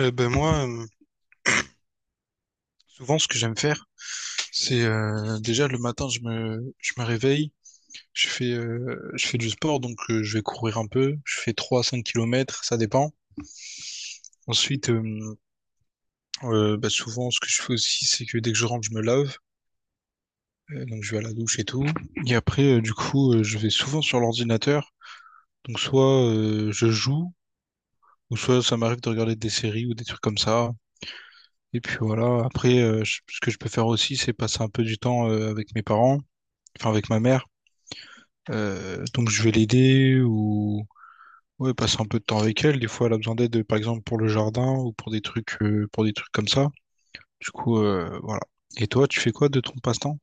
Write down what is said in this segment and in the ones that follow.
Euh, ben moi, euh, souvent, ce que j'aime faire, c'est déjà le matin, je me réveille, je fais du sport, je vais courir un peu, je fais 3 à 5 kilomètres, ça dépend. Ensuite, euh, souvent, ce que je fais aussi, c'est que dès que je rentre, je me lave. Donc je vais à la douche et tout. Et après, je vais souvent sur l'ordinateur, donc soit je joue, ou soit ça m'arrive de regarder des séries ou des trucs comme ça. Et puis voilà, après, ce que je peux faire aussi, c'est passer un peu du temps avec mes parents, enfin avec ma mère. Donc je vais l'aider ou ouais, passer un peu de temps avec elle. Des fois, elle a besoin d'aide, par exemple, pour le jardin ou pour des trucs, pour des trucs comme ça. Du coup, voilà. Et toi, tu fais quoi de ton passe-temps?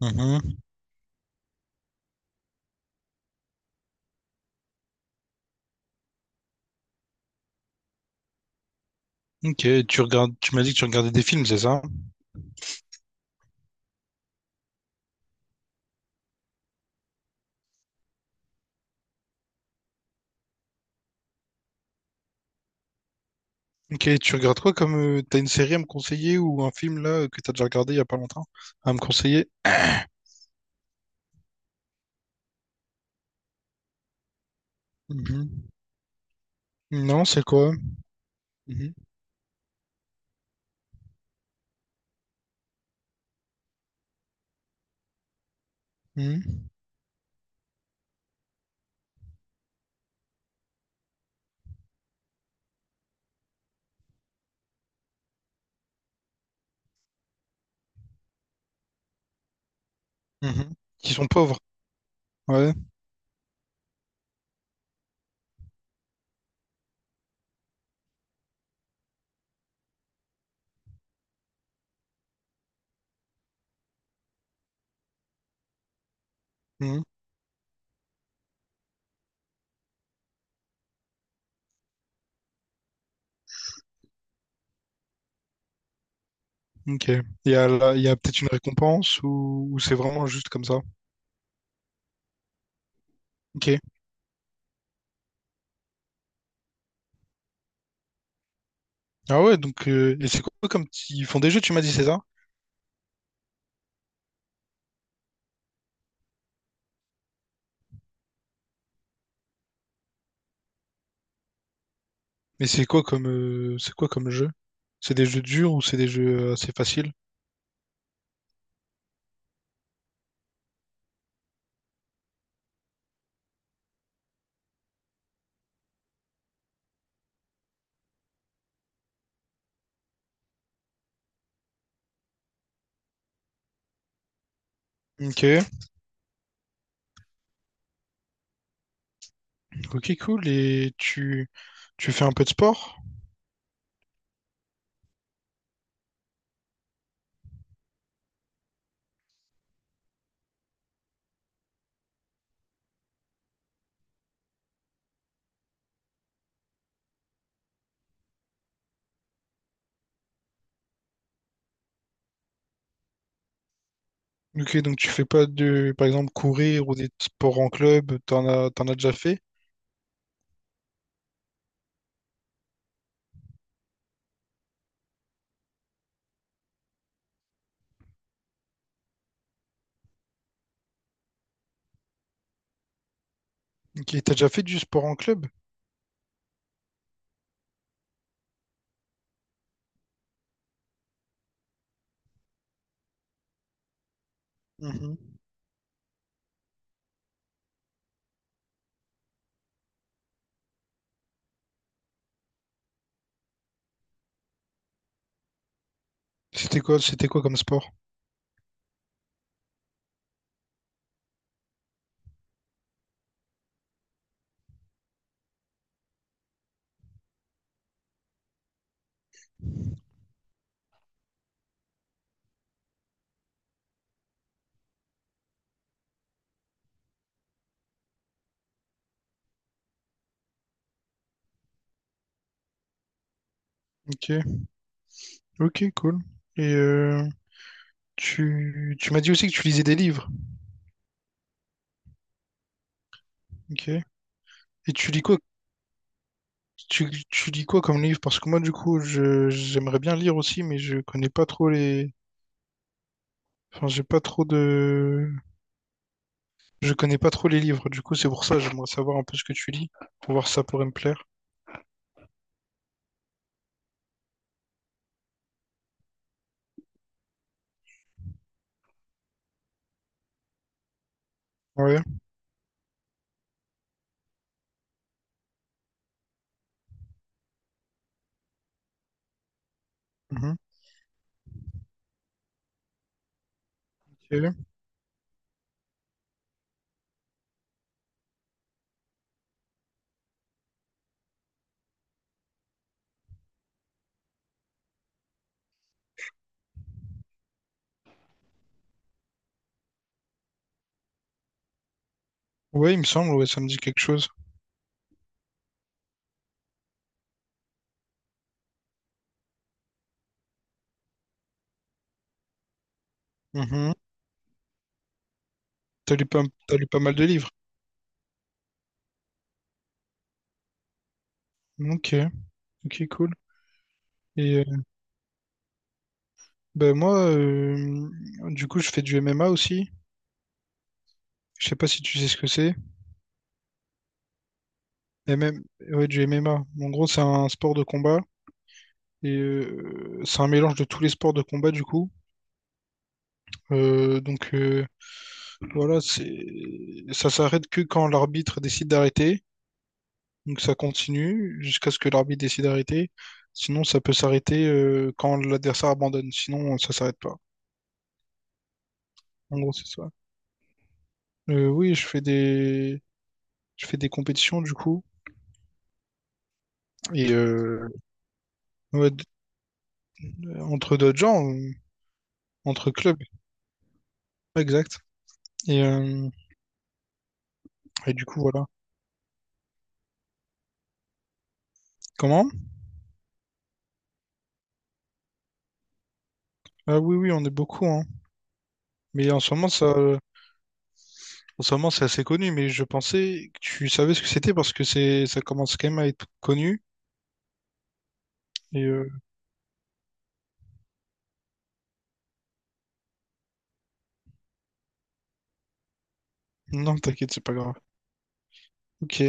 Mhm. Ok, tu regardes, tu m'as dit que tu regardais des films, c'est ça? Ok, tu regardes quoi comme t'as une série à me conseiller ou un film là que t'as déjà regardé il y a pas longtemps à me conseiller? Mhm. Non, c'est quoi? Mhm. Mhm. Mhm. Qui sont pauvres, ouais. Mhm. Ok. Il y a peut-être une récompense ou c'est vraiment juste comme ça? Ok. Ah ouais, et c'est quoi ils font des jeux, tu m'as dit, c'est ça? Mais c'est quoi comme c'est quoi comme jeu? C'est des jeux durs ou c'est des jeux assez faciles? Ok. Ok, cool. Et tu fais un peu de sport? Ok, donc tu fais pas de, par exemple, courir ou des sports en club, t'en as déjà fait? Ok, t'as déjà fait du sport en club? Mhm. C'était quoi comme sport? Ok, ok, cool. Et euh, Tu, tu m'as dit aussi que tu lisais des livres. Ok. Et tu lis quoi, tu lis quoi comme livre? Parce que moi, du coup, je, j'aimerais bien lire aussi, mais je connais pas trop les, enfin, j'ai pas trop de, je connais pas trop les livres. Du coup, c'est pour ça, j'aimerais savoir un peu ce que tu lis, pour voir si ça pourrait me plaire. Ouais. Mhm. Ok. Ouais, il me semble, ouais, ça me dit quelque chose. Mhm. T'as lu pas mal de livres. Ok. Ok, cool. Et euh, ben moi, euh, du coup, je fais du MMA aussi. Je sais pas si tu sais ce que c'est. MM... Ouais, du MMA. En gros, c'est un sport de combat. C'est un mélange de tous les sports de combat du coup. Donc voilà, c'est Ça s'arrête que quand l'arbitre décide d'arrêter. Donc ça continue jusqu'à ce que l'arbitre décide d'arrêter. Sinon, ça peut s'arrêter quand l'adversaire abandonne. Sinon, ça s'arrête pas. En gros, c'est ça. Oui, je fais des compétitions du coup et euh, ouais, entre d'autres gens, entre clubs, exact. Et, euh, et du coup voilà. Comment? Ah oui oui, on est beaucoup hein. Mais en ce moment ça En ce moment, c'est assez connu, mais je pensais que tu savais ce que c'était parce que c'est, ça commence quand même à être connu. Et euh, non, t'inquiète, c'est pas grave. Ok.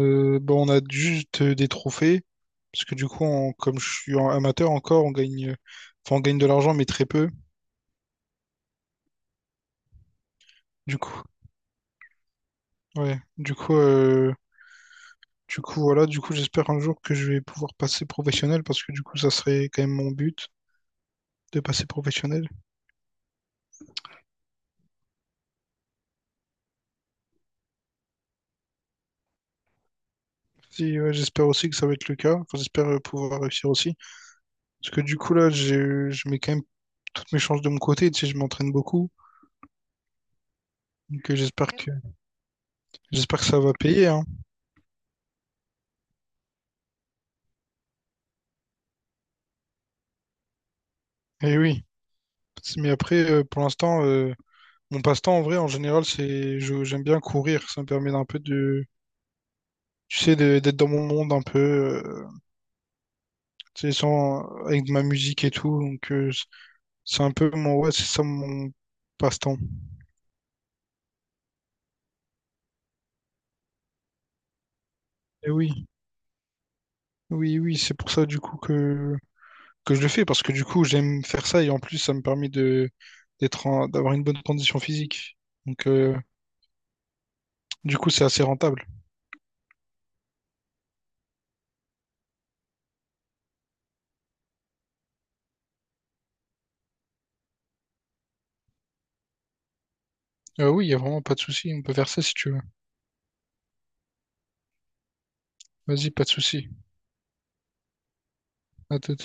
Bon, on a juste des trophées parce que du coup, comme je suis amateur encore, on gagne, enfin, on gagne de l'argent, mais très peu. Du coup, ouais. Du coup, voilà. Du coup, j'espère un jour que je vais pouvoir passer professionnel parce que du coup, ça serait quand même mon but de passer professionnel. Si, ouais, j'espère aussi que ça va être le cas. Enfin, j'espère pouvoir réussir aussi. Parce que du coup, là, je mets quand même toutes mes chances de mon côté. Tu sais, je m'entraîne beaucoup. Donc j'espère que ça va payer, hein. Et oui. Mais après, pour l'instant, mon passe-temps en vrai, en général, j'aime bien courir. Ça me permet d'un peu de, Tu sais, d'être dans mon monde un peu, tu sais, sans avec ma musique et tout. C'est un peu mon, ouais, c'est ça mon passe-temps. Et oui, oui, oui, c'est pour ça du coup que je le fais parce que du coup j'aime faire ça et en plus ça me permet d'avoir une bonne condition physique. Donc euh, Du coup, c'est assez rentable. Oui, il n'y a vraiment pas de souci. On peut faire ça si tu veux. Vas-y, pas de souci. À tout.